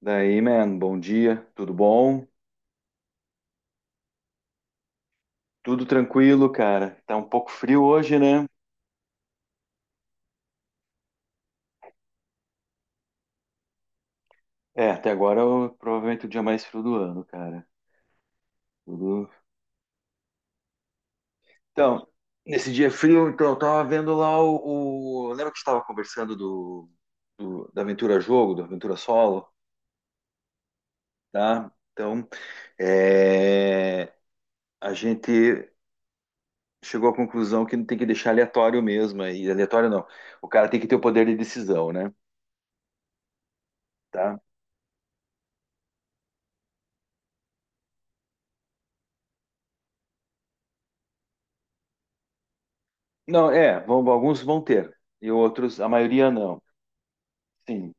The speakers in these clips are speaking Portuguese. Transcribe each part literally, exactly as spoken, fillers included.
Daí, man, bom dia, tudo bom? Tudo tranquilo, cara. Tá um pouco frio hoje, né? É, até agora é o- provavelmente o dia mais frio do ano, cara. Tudo... Então, nesse dia frio, então, eu tava vendo lá o, o- lembra que a gente tava conversando do, do- da Aventura Jogo, do Aventura Solo, tá? Então, é, a gente chegou à conclusão que não tem que deixar aleatório mesmo, e aleatório não. O cara tem que ter o poder de decisão, né? Tá? Não, é, vão- alguns vão ter, e outros, a maioria não. Sim,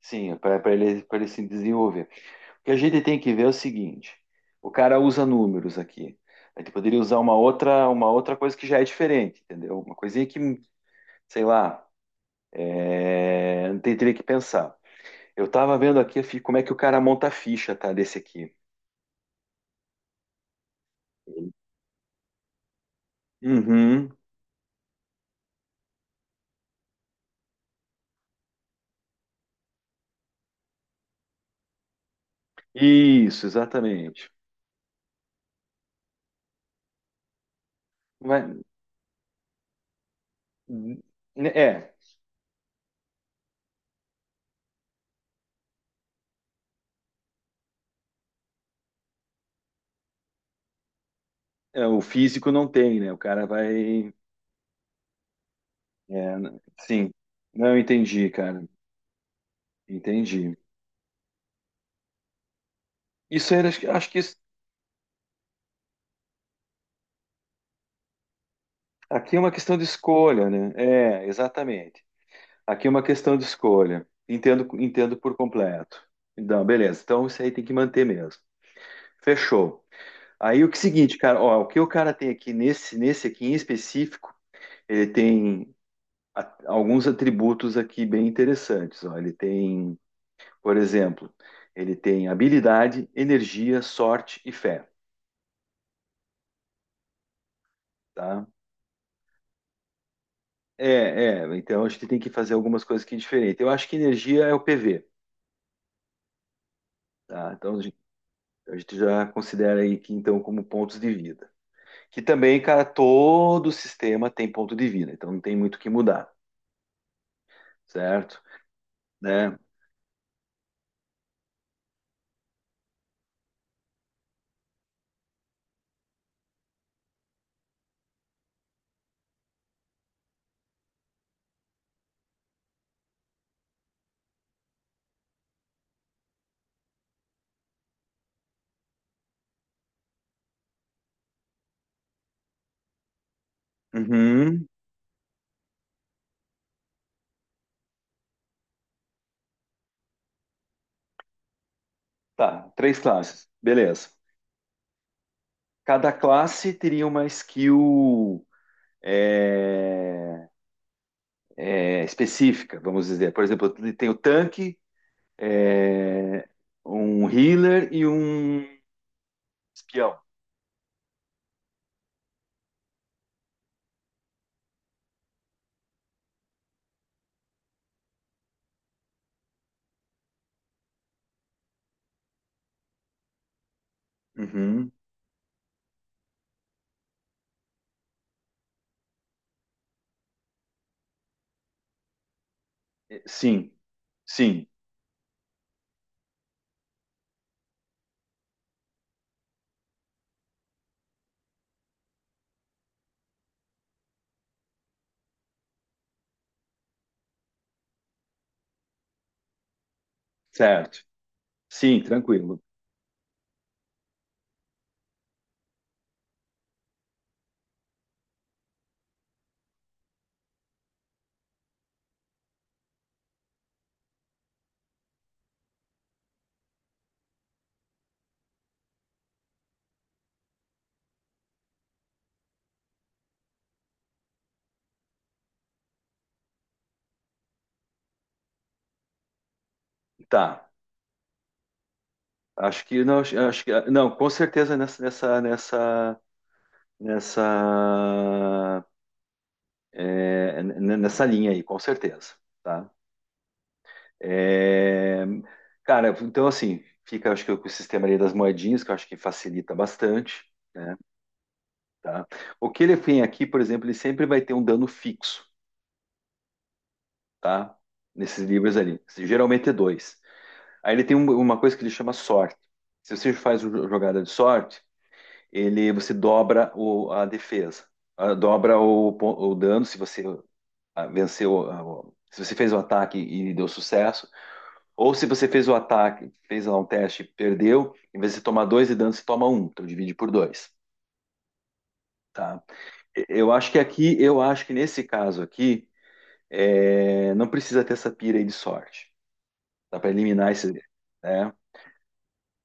sim, para ele, para ele se desenvolver. O que a gente tem que ver é o seguinte: o cara usa números aqui. A gente poderia usar uma outra, uma outra coisa que já é diferente, entendeu? Uma coisinha que, sei lá, é, não tem- teria que pensar. Eu estava vendo aqui fi- como é que o cara monta a ficha, tá, desse aqui. Uhum. Isso, exatamente. Vai- É, é, o físico não tem, né? O cara vai. É, né? Sim. Não, eu entendi, cara. Entendi. Isso aí, acho que acho que isso- aqui é uma questão de escolha, né? É, exatamente. Aqui é uma questão de escolha. Entendo, entendo por completo. Então, beleza. Então, isso aí tem que manter mesmo. Fechou. Aí o que é o seguinte, cara, ó, o que o cara tem aqui nesse, nesse aqui em específico, ele tem a- alguns atributos aqui bem interessantes. Ó. Ele tem, por exemplo, ele tem habilidade, energia, sorte e fé. Tá? É, é, então a gente tem que fazer algumas coisas que é diferente. Eu acho que energia é o P V, tá? Então a gente, a gente já considera aí que então como pontos de vida. Que também, cara, todo sistema tem ponto de vida, então não tem muito o que mudar, certo? Né? Uhum. Tá, três classes, beleza. Cada classe teria uma skill é, é, específica, vamos dizer. Por exemplo, tem o tanque, é, um healer e um espião. Uhum. Sim, sim, certo. Sim, tranquilo. Tá. Acho que não, acho acho que não, com certeza nessa nessa nessa nessa é, n- nessa linha aí, com certeza, tá? É, cara, então assim, fica acho que com o sistema ali das moedinhas, que eu acho que facilita bastante, né, tá? O que ele tem aqui, por exemplo, ele sempre vai ter um dano fixo, tá? Nesses livros ali, geralmente é dois. Aí ele tem um- uma coisa que ele chama sorte. Se você faz uma jogada de sorte, ele você dobra o- a defesa. Ah, dobra o, pon- o dano se você ah, venceu, ah, o- se você fez o ataque e deu sucesso, ou se você fez o ataque, fez lá um teste e perdeu, em vez de tomar dois de dano, você toma um, então divide por dois, tá? E- Eu acho que aqui, eu acho que nesse caso aqui, é, não precisa ter essa pira aí de sorte, dá para eliminar esse, né?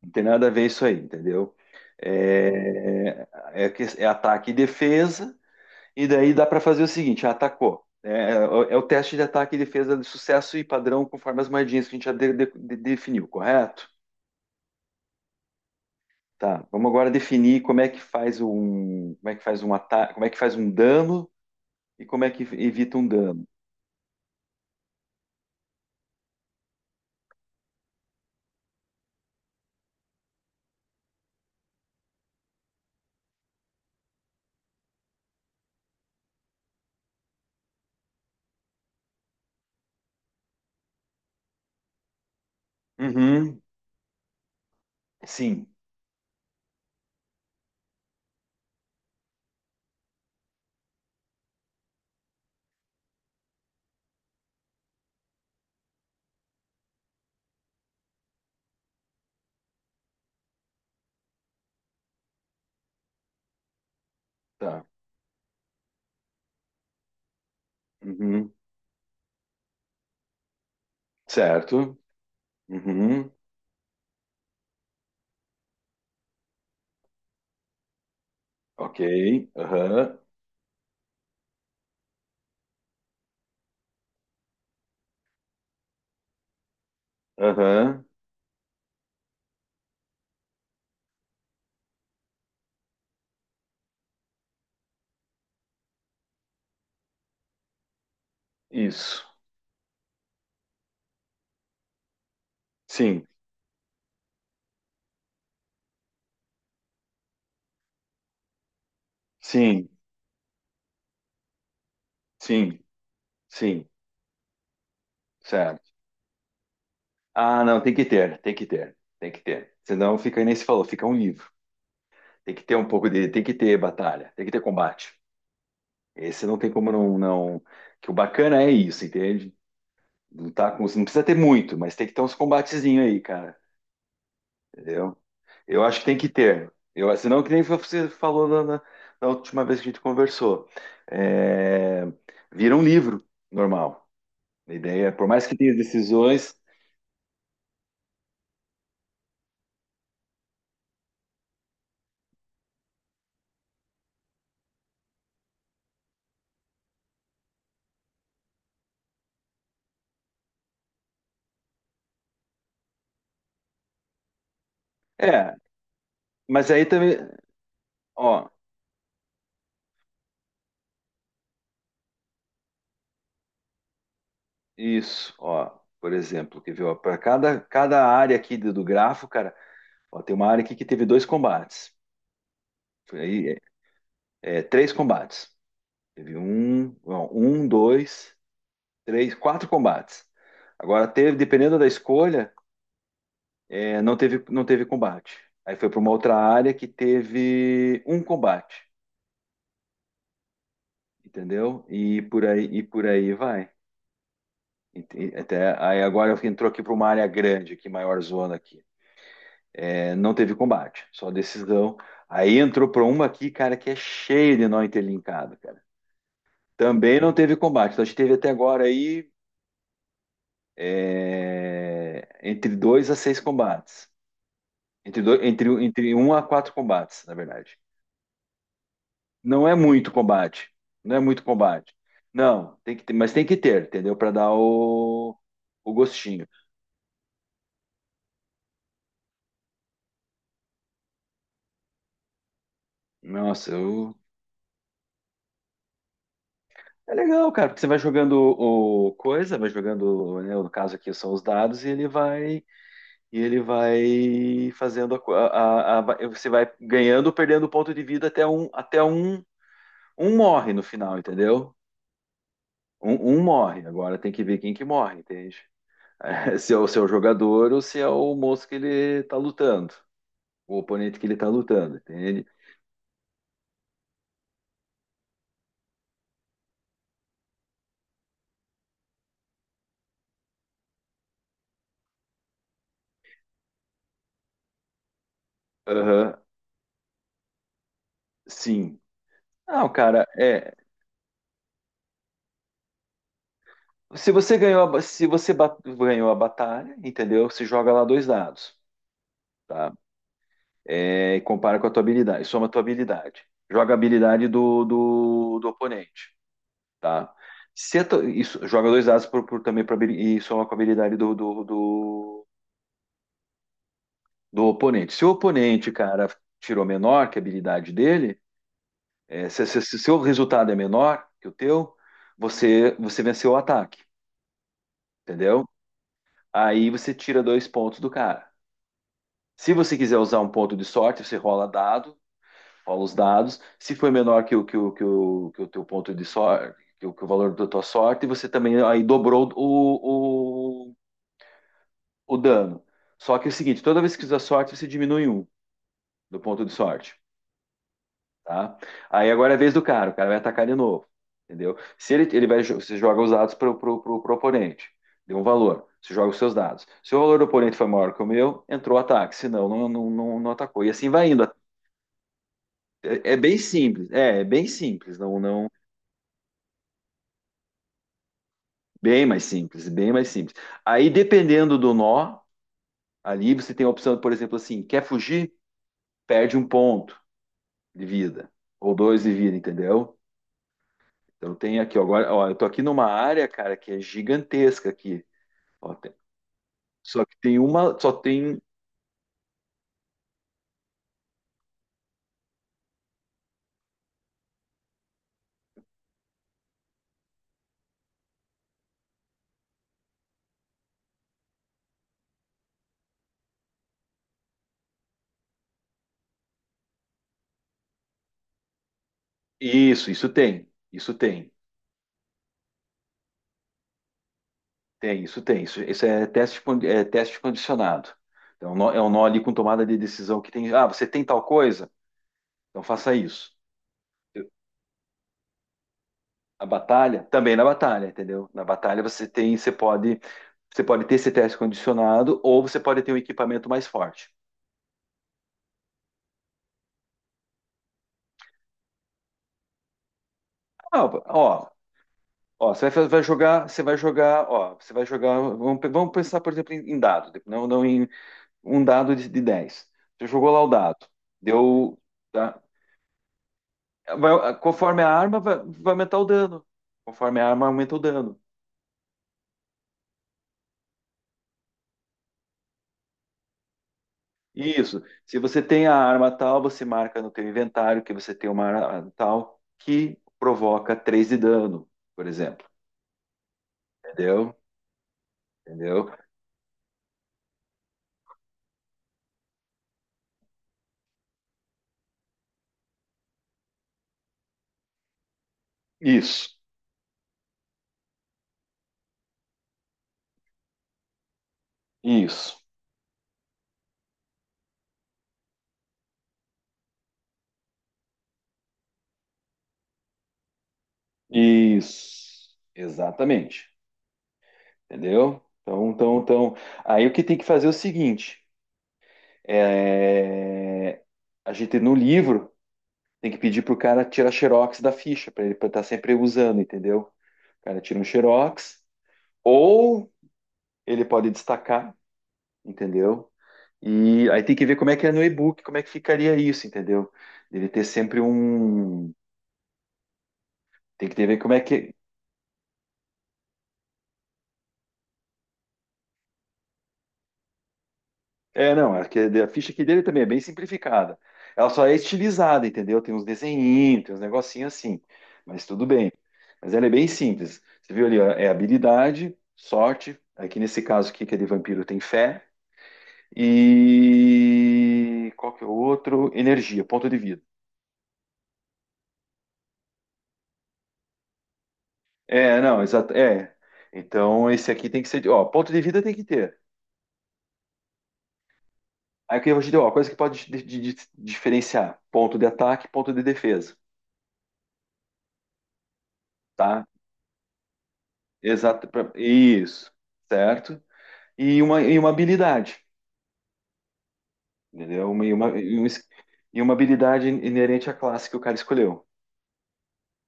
Não tem nada a ver isso aí, entendeu? É, é, que- é ataque e defesa, e daí dá para fazer o seguinte: atacou, né? É, é o teste de ataque e defesa de sucesso e padrão conforme as moedinhas que a gente já de- de- de- definiu, correto? Tá, vamos agora definir como é que faz um, como é que faz um ataque, como é que faz um dano e como é que evita um dano. Uhum, sim, tá. Uhum, certo. Uhum, ok. Aham, aham, isso. Sim, sim. Sim, sim, certo. Ah, não, tem que ter, tem que ter, tem que ter. Senão fica, aí nem se falou, fica um livro. Tem que ter um pouco de, tem que ter batalha, tem que ter combate. Esse não tem como não, não. Que o bacana é isso, entende? Lutar com, não precisa ter muito, mas tem que ter uns combatezinhos aí, cara. Entendeu? Eu acho que tem que ter. Eu, senão, que nem você falou na, na- na última vez que a gente conversou. É, vira um livro normal. A ideia, por mais que tenha decisões, é, mas aí também ó, isso, ó. Por exemplo, que viu? Para cada, cada área aqui do, do grafo, cara, ó, tem uma área aqui que teve dois combates. Foi aí, é, é, três combates. Teve um, não, um, dois, três, quatro combates. Agora teve, dependendo da escolha, é, não teve, não teve combate. Aí foi para uma outra área que teve um combate, entendeu? E por aí, e por aí vai. Ent- Até, aí agora entrou aqui para uma área grande, aqui, maior zona aqui. É, não teve combate, só decisão. Aí entrou para uma aqui, cara, que é cheia de nó interlinkado, cara. Também não teve combate. Então a gente teve até agora aí é, entre dois a seis combates. Entre, dois, entre, entre um a quatro combates, na verdade. Não é muito combate. Não é muito combate. Não, tem que ter, mas tem que ter, entendeu? Para dar o, o gostinho. Nossa, eu- é legal, cara, porque você vai jogando o coisa, vai jogando, né, no caso aqui são os dados, e ele vai, e ele vai fazendo a, co- a- a- a- você vai ganhando ou perdendo ponto de vida até um até um um morre no final, entendeu? Um, um morre. Agora tem que ver quem que morre, entende? Se é o seu jogador ou se é o moço que ele tá lutando, o oponente que ele tá lutando, entende? Aham, sim. Não, cara, é. Se você ganhou a, ba- se você ba- ganhou a batalha, entendeu? Você joga lá dois dados, tá? É, e compara com a tua habilidade, soma a tua habilidade. Joga a habilidade do, do, do oponente, tá? Se a tua- isso, joga dois dados por, por- também pra, habili- e soma com a habilidade do, do, do, do oponente. Se o oponente, cara, tirou menor que a habilidade dele, é, se, se, se o seu resultado é menor que o teu, você, você venceu o ataque, entendeu? Aí você tira dois pontos do cara. Se você quiser usar um ponto de sorte, você rola dado rola os dados. Se foi menor que o, que o, que o, que o teu ponto de sorte, que o, que o valor da tua sorte, você também aí dobrou o, o, o dano. Só que é o seguinte, toda vez que usar sorte, você diminui um do ponto de sorte, tá? Aí agora é a vez do cara, o cara vai atacar de novo, entendeu? Se ele, ele vai, você joga os dados para o pro, pro, pro oponente, deu um valor, você joga os seus dados. Se o valor do oponente foi maior que o meu, entrou o ataque, senão não, não, não, não atacou. E assim vai indo. É, é bem simples, é, é bem simples, não, não. Bem mais simples, bem mais simples. Aí, dependendo do nó, ali você tem a opção, por exemplo, assim, quer fugir? Perde um ponto de vida, ou dois de vida, entendeu? Então tem aqui, ó, agora, ó, eu tô aqui numa área, cara, que é gigantesca aqui. Ó, tem- só que tem uma, só tem isso, isso tem, isso tem, tem, isso tem, isso, isso é teste, con- é teste condicionado. Então, é um nó é um nó ali com tomada de decisão que tem, ah, você tem tal coisa? Então faça isso. A batalha, também na batalha, entendeu? Na batalha você tem, você pode, você pode ter esse teste condicionado ou você pode ter um equipamento mais forte. Ah, ó, ó, você vai, fa- vai jogar, você vai jogar, ó, você vai jogar, vamos, pe- vamos pensar, por exemplo, em, em dado, não, não em um dado de, de dez. Você jogou lá o dado, deu, tá? Vai- conforme a arma, vai, vai aumentar o dano. Conforme a arma aumenta o dano. Isso. Se você tem a arma tal, você marca no teu inventário que você tem uma arma tal que provoca três de dano, por exemplo. Entendeu? Entendeu? Isso. Isso. Isso. Exatamente. Entendeu? Então, então, então. Aí o que tem que fazer é o seguinte: é, a gente no livro tem que pedir pro cara tirar xerox da ficha para ele estar sempre usando, entendeu? O cara tira um xerox ou ele pode destacar, entendeu? E aí tem que ver como é que é no e-book, como é que ficaria isso, entendeu? Deve ter sempre um. Tem que ter ver como é que. É, não, é que a ficha aqui dele também é bem simplificada. Ela só é estilizada, entendeu? Tem uns desenhinhos, tem uns negocinhos assim. Mas tudo bem. Mas ela é bem simples. Você viu ali, ó, é habilidade, sorte. Aqui nesse caso aqui, que é de vampiro, tem fé. E qual que é o outro? Energia, ponto de vida. É, não, exato. É. Então esse aqui tem que ser. Ó, ponto de vida tem que ter. Aí o que eu te deu, ó, coisa que pode di- di- di- diferenciar: ponto de ataque, ponto de defesa, tá? Exato, pra- isso, certo? E uma, e uma habilidade, entendeu? Uma- e, uma, e um es- e uma habilidade inerente à classe que o cara escolheu.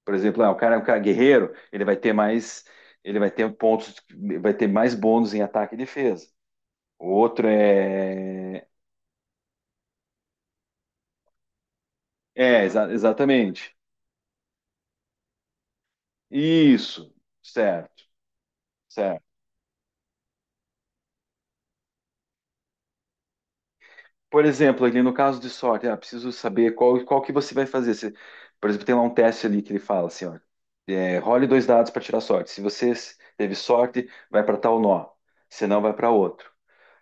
Por exemplo, ah, o cara, o cara guerreiro, ele vai ter mais, ele vai ter pontos, vai ter mais bônus em ataque e defesa. O outro é, é exa- exatamente, isso, certo, certo. Por exemplo, ali no caso de sorte, ah, preciso saber qual, qual que você vai fazer. Se, por exemplo, tem lá um teste ali que ele fala assim, ó, é, role dois dados para tirar sorte. Se você s- teve sorte, vai para tal nó. Se não, vai para outro.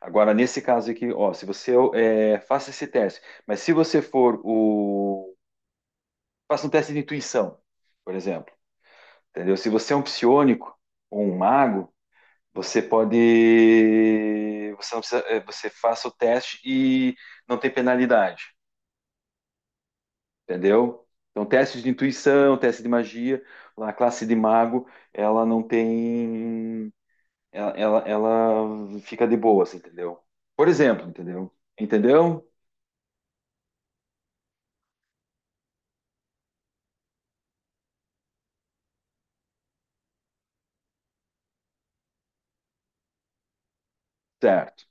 Agora, nesse caso aqui, ó, se você é, faça esse teste, mas se você for o... Faça um teste de intuição, por exemplo, entendeu? Se você é um psiônico ou um mago, você pode... Você, não precisa, é, você faça o teste e não tem penalidade. Entendeu? Então, testes de intuição, teste de magia, a classe de mago, ela não tem. Ela, ela, ela fica de boas, entendeu? Por exemplo, entendeu? Entendeu? Certo.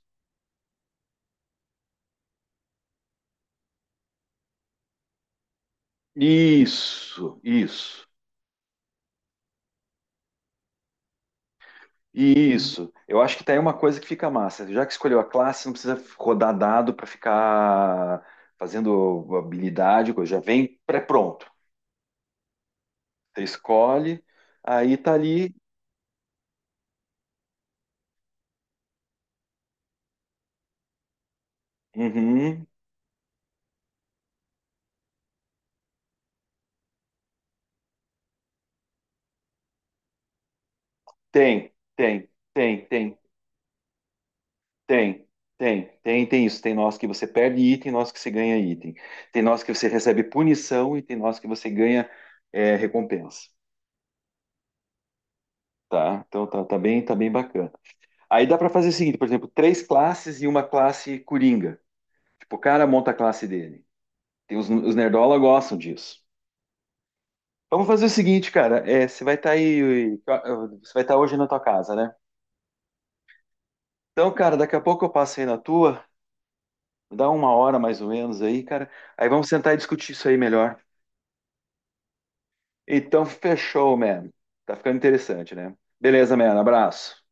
Isso, isso, isso. Eu acho que tá aí uma coisa que fica massa. Já que escolheu a classe, não precisa rodar dado para ficar fazendo habilidade, coisa. Já vem pré-pronto. Você escolhe, aí tá ali. Uhum. Tem, tem, tem, tem, Tem, tem, tem, tem isso. Tem nós que você perde item, nós que você ganha item. Tem nós que você recebe punição e tem nós que você ganha é, recompensa, tá? Então tá, tá bem, tá bem bacana. Aí dá para fazer o seguinte, por exemplo, três classes e uma classe coringa. Tipo, o cara monta a classe dele. Tem os, os nerdola gostam disso. Vamos fazer o seguinte, cara. é, você vai estar aí, você vai estar hoje na tua casa, né? Então, cara, daqui a pouco eu passo aí na tua, dá uma hora mais ou menos aí, cara. Aí vamos sentar e discutir isso aí melhor. Então, fechou, man. Tá ficando interessante, né? Beleza, man. Abraço.